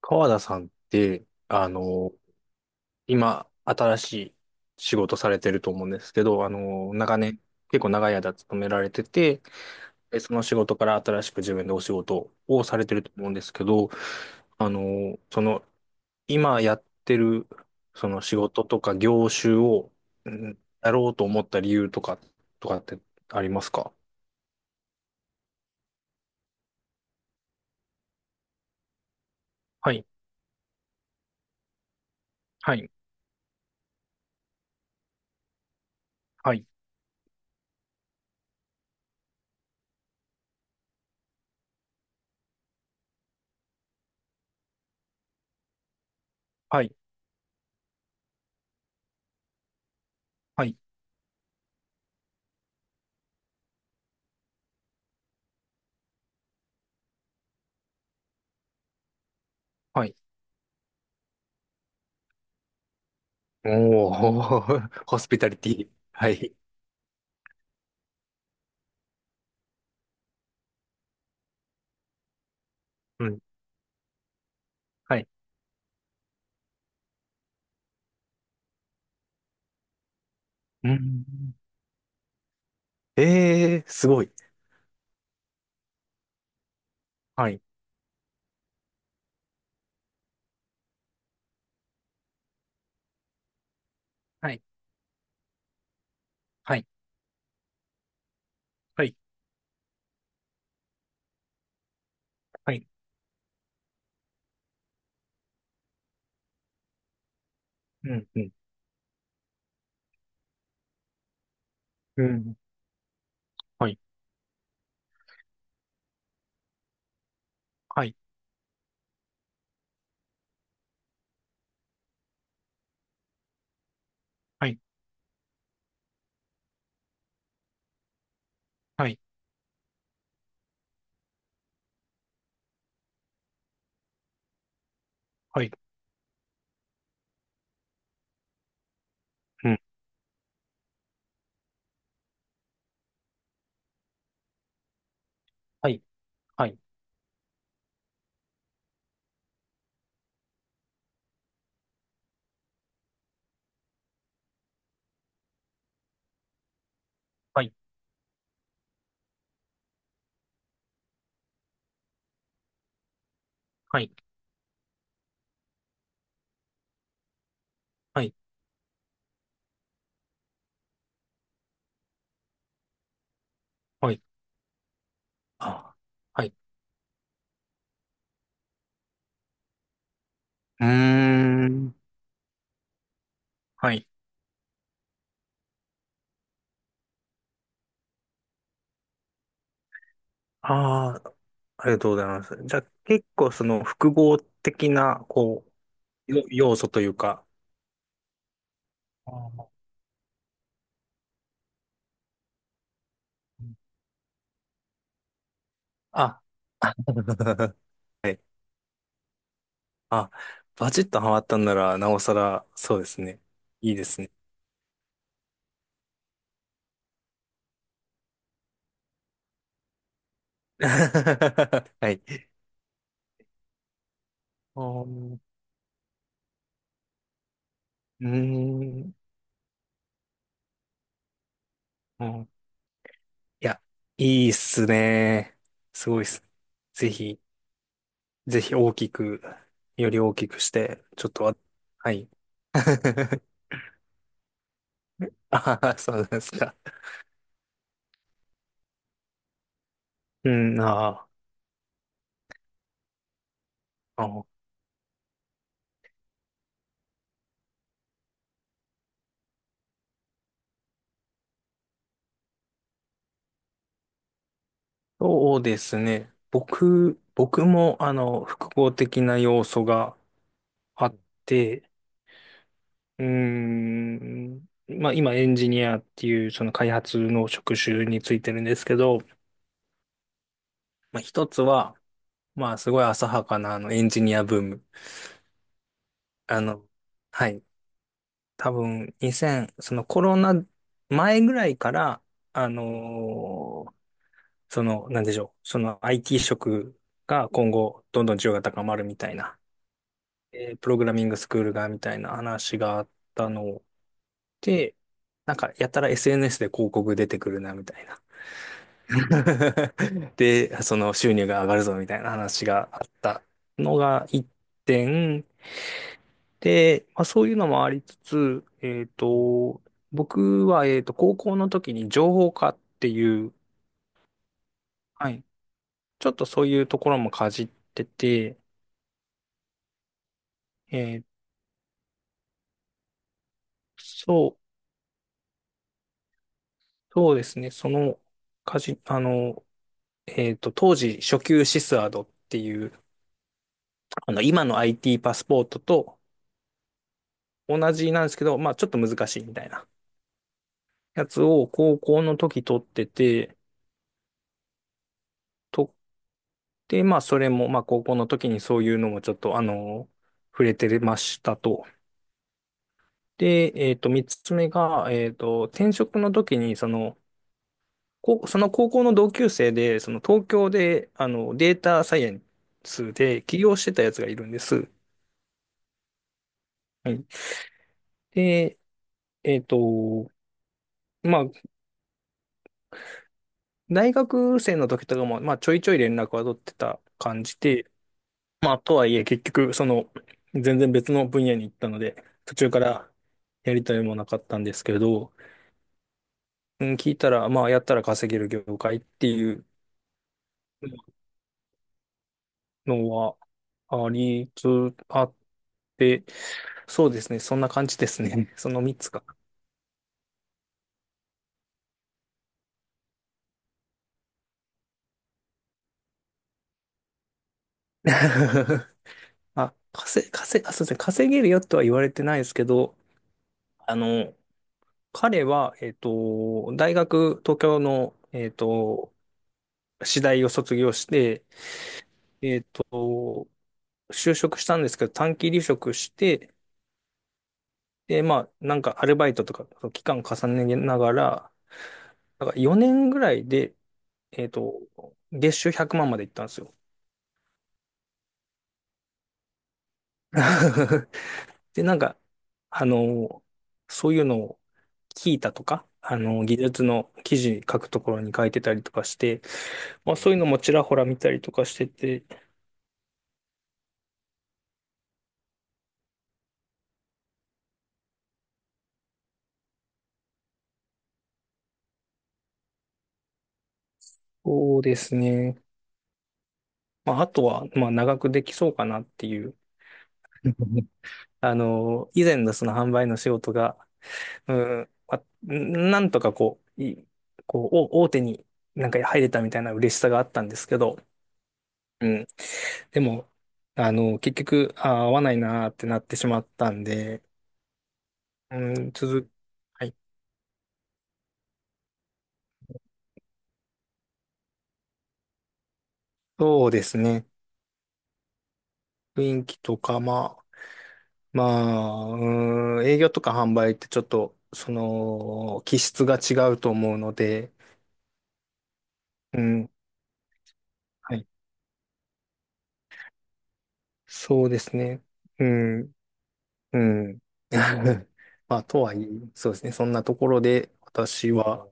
川田さんって、今、新しい仕事されてると思うんですけど、長年、結構長い間勤められてて、でその仕事から新しく自分でお仕事をされてると思うんですけど、あの、その、今やってる、その仕事とか業種を、うんやろうと思った理由とか、とかってありますか？はい、はい、はい、はい、はい、はい。おー、ホスピタリティ。はい。うん。はい。うん。ええー、すごい。はい。はい。はい。はい。はい。うん。うん。うん。はい。はい。はい。はい。はい。うん。はい。はい。はい。はい。はい。はい。あー。はい。うーん。はい。ああ、ありがとうございます。じゃあ、結構その複合的な、こう、要素というか。あー、あ、あ。 はい。あ、バチッとハマったんなら、なおさら、そうですね。いいですね。はい。おー、うーん。うん。いや、いいっすね。すごいっす。ぜひ、ぜひ大きく、より大きくして、ちょっとわ、はい。ああ、そうですか。うん、あー。あの、そうですね。僕も、複合的な要素があって、うーん、まあ、今、エンジニアっていう、その開発の職種についてるんですけど、まあ、一つは、まあ、すごい浅はかな、エンジニアブーム。あの、はい。多分、2000、そのコロナ前ぐらいから、あのーその、なんでしょう。その IT 職が今後、どんどん需要が高まるみたいな、プログラミングスクールが、みたいな話があったので、なんか、やたら SNS で広告出てくるな、みたいな。で、その収入が上がるぞ、みたいな話があったのが一点、で、まあ、そういうのもありつつ、僕は、高校の時に情報科っていう、はい、ちょっとそういうところもかじってて、えーそう、そうですね、その、かじ、あの、えっと、当時、初級シスアドっていう、あの、今の IT パスポートと同じなんですけど、まあ、ちょっと難しいみたいなやつを高校の時取ってて、とで、まあ、それも、まあ、高校の時にそういうのもちょっと、触れてましたと。で、三つ目が、転職の時に、その、こうその高校の同級生で、その東京で、データサイエンスで起業してたやつがいるんです。はい。で、えっと、まあ、大学生の時とかも、まあ、ちょいちょい連絡は取ってた感じで、まあ、とはいえ、結局、その、全然別の分野に行ったので、途中からやりたいもなかったんですけど、うん、聞いたら、まあ、やったら稼げる業界っていうのはありあって、そうですね、そんな感じですね。その3つか。あ、稼、稼、あ、そうですね、稼げるよとは言われてないですけど、あの、彼は、大学、東京の、私大を卒業して、えっと、就職したんですけど、短期離職して、で、まあ、なんかアルバイトとか、期間重ねながら、なんか4年ぐらいで、えっと、月収100万まんまで行ったんですよ。で、なんか、あの、そういうのを聞いたとか、技術の記事書くところに書いてたりとかして、まあ、そういうのもちらほら見たりとかしてて、そうですね。まあ、あとは、まあ、長くできそうかなっていう。あの、以前のその販売の仕事が、うん、まあ、なんとかこう、こう、お大手になんか入れたみたいな嬉しさがあったんですけど、うん。でも、結局、あー、合わないなーってなってしまったんで、うん、はい。そうですね。雰囲気とか、まあ、まあ、うん、営業とか販売ってちょっと、その、気質が違うと思うので、うん、はい。そうですね。うん。うん。まあ、とはいえ、そうですね。そんなところで私は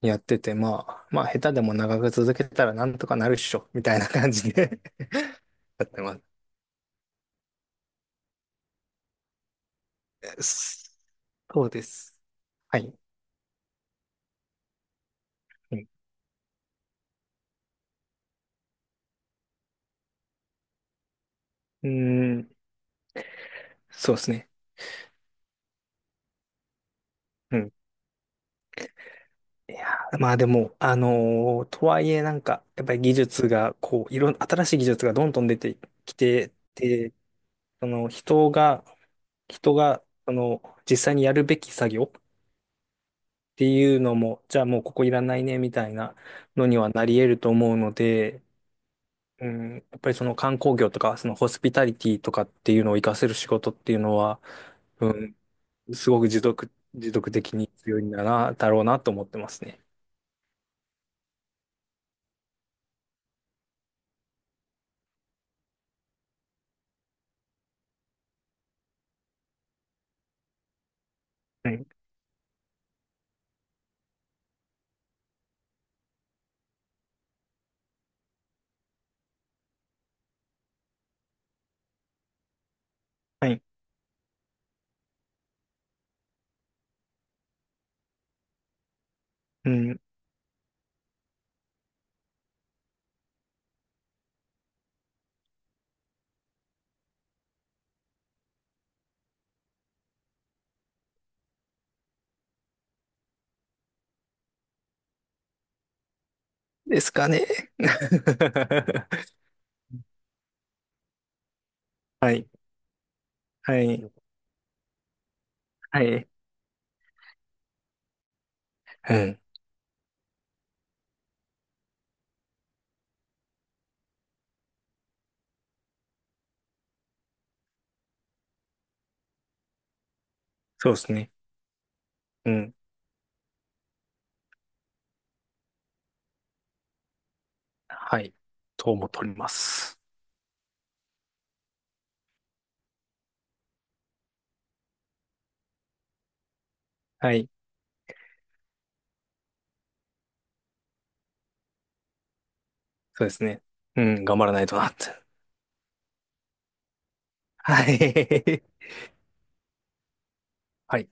やってて、まあ、まあ、下手でも長く続けたらなんとかなるっしょ、みたいな感じで やってます。そうです。はい。うん、うーん、そうですね。うん。いやー、まあでも、とはいえなんか、やっぱり技術が、こう、いろん、新しい技術がどんどん出てきてて、その人が、人が、その、実際にやるべき作業、っていうのも、じゃあもうここいらないねみたいなのにはなり得ると思うので、うん、やっぱりその観光業とか、そのホスピタリティとかっていうのを活かせる仕事っていうのは、うん、すごく持続的に強いんだな、だろうなと思ってますね。はい。はい。うん。ですかね。はい。はい。はい。うん。そうですね。うん。はい。と思っております。はい。そうですね。うん。頑張らないとなって。はい。はい。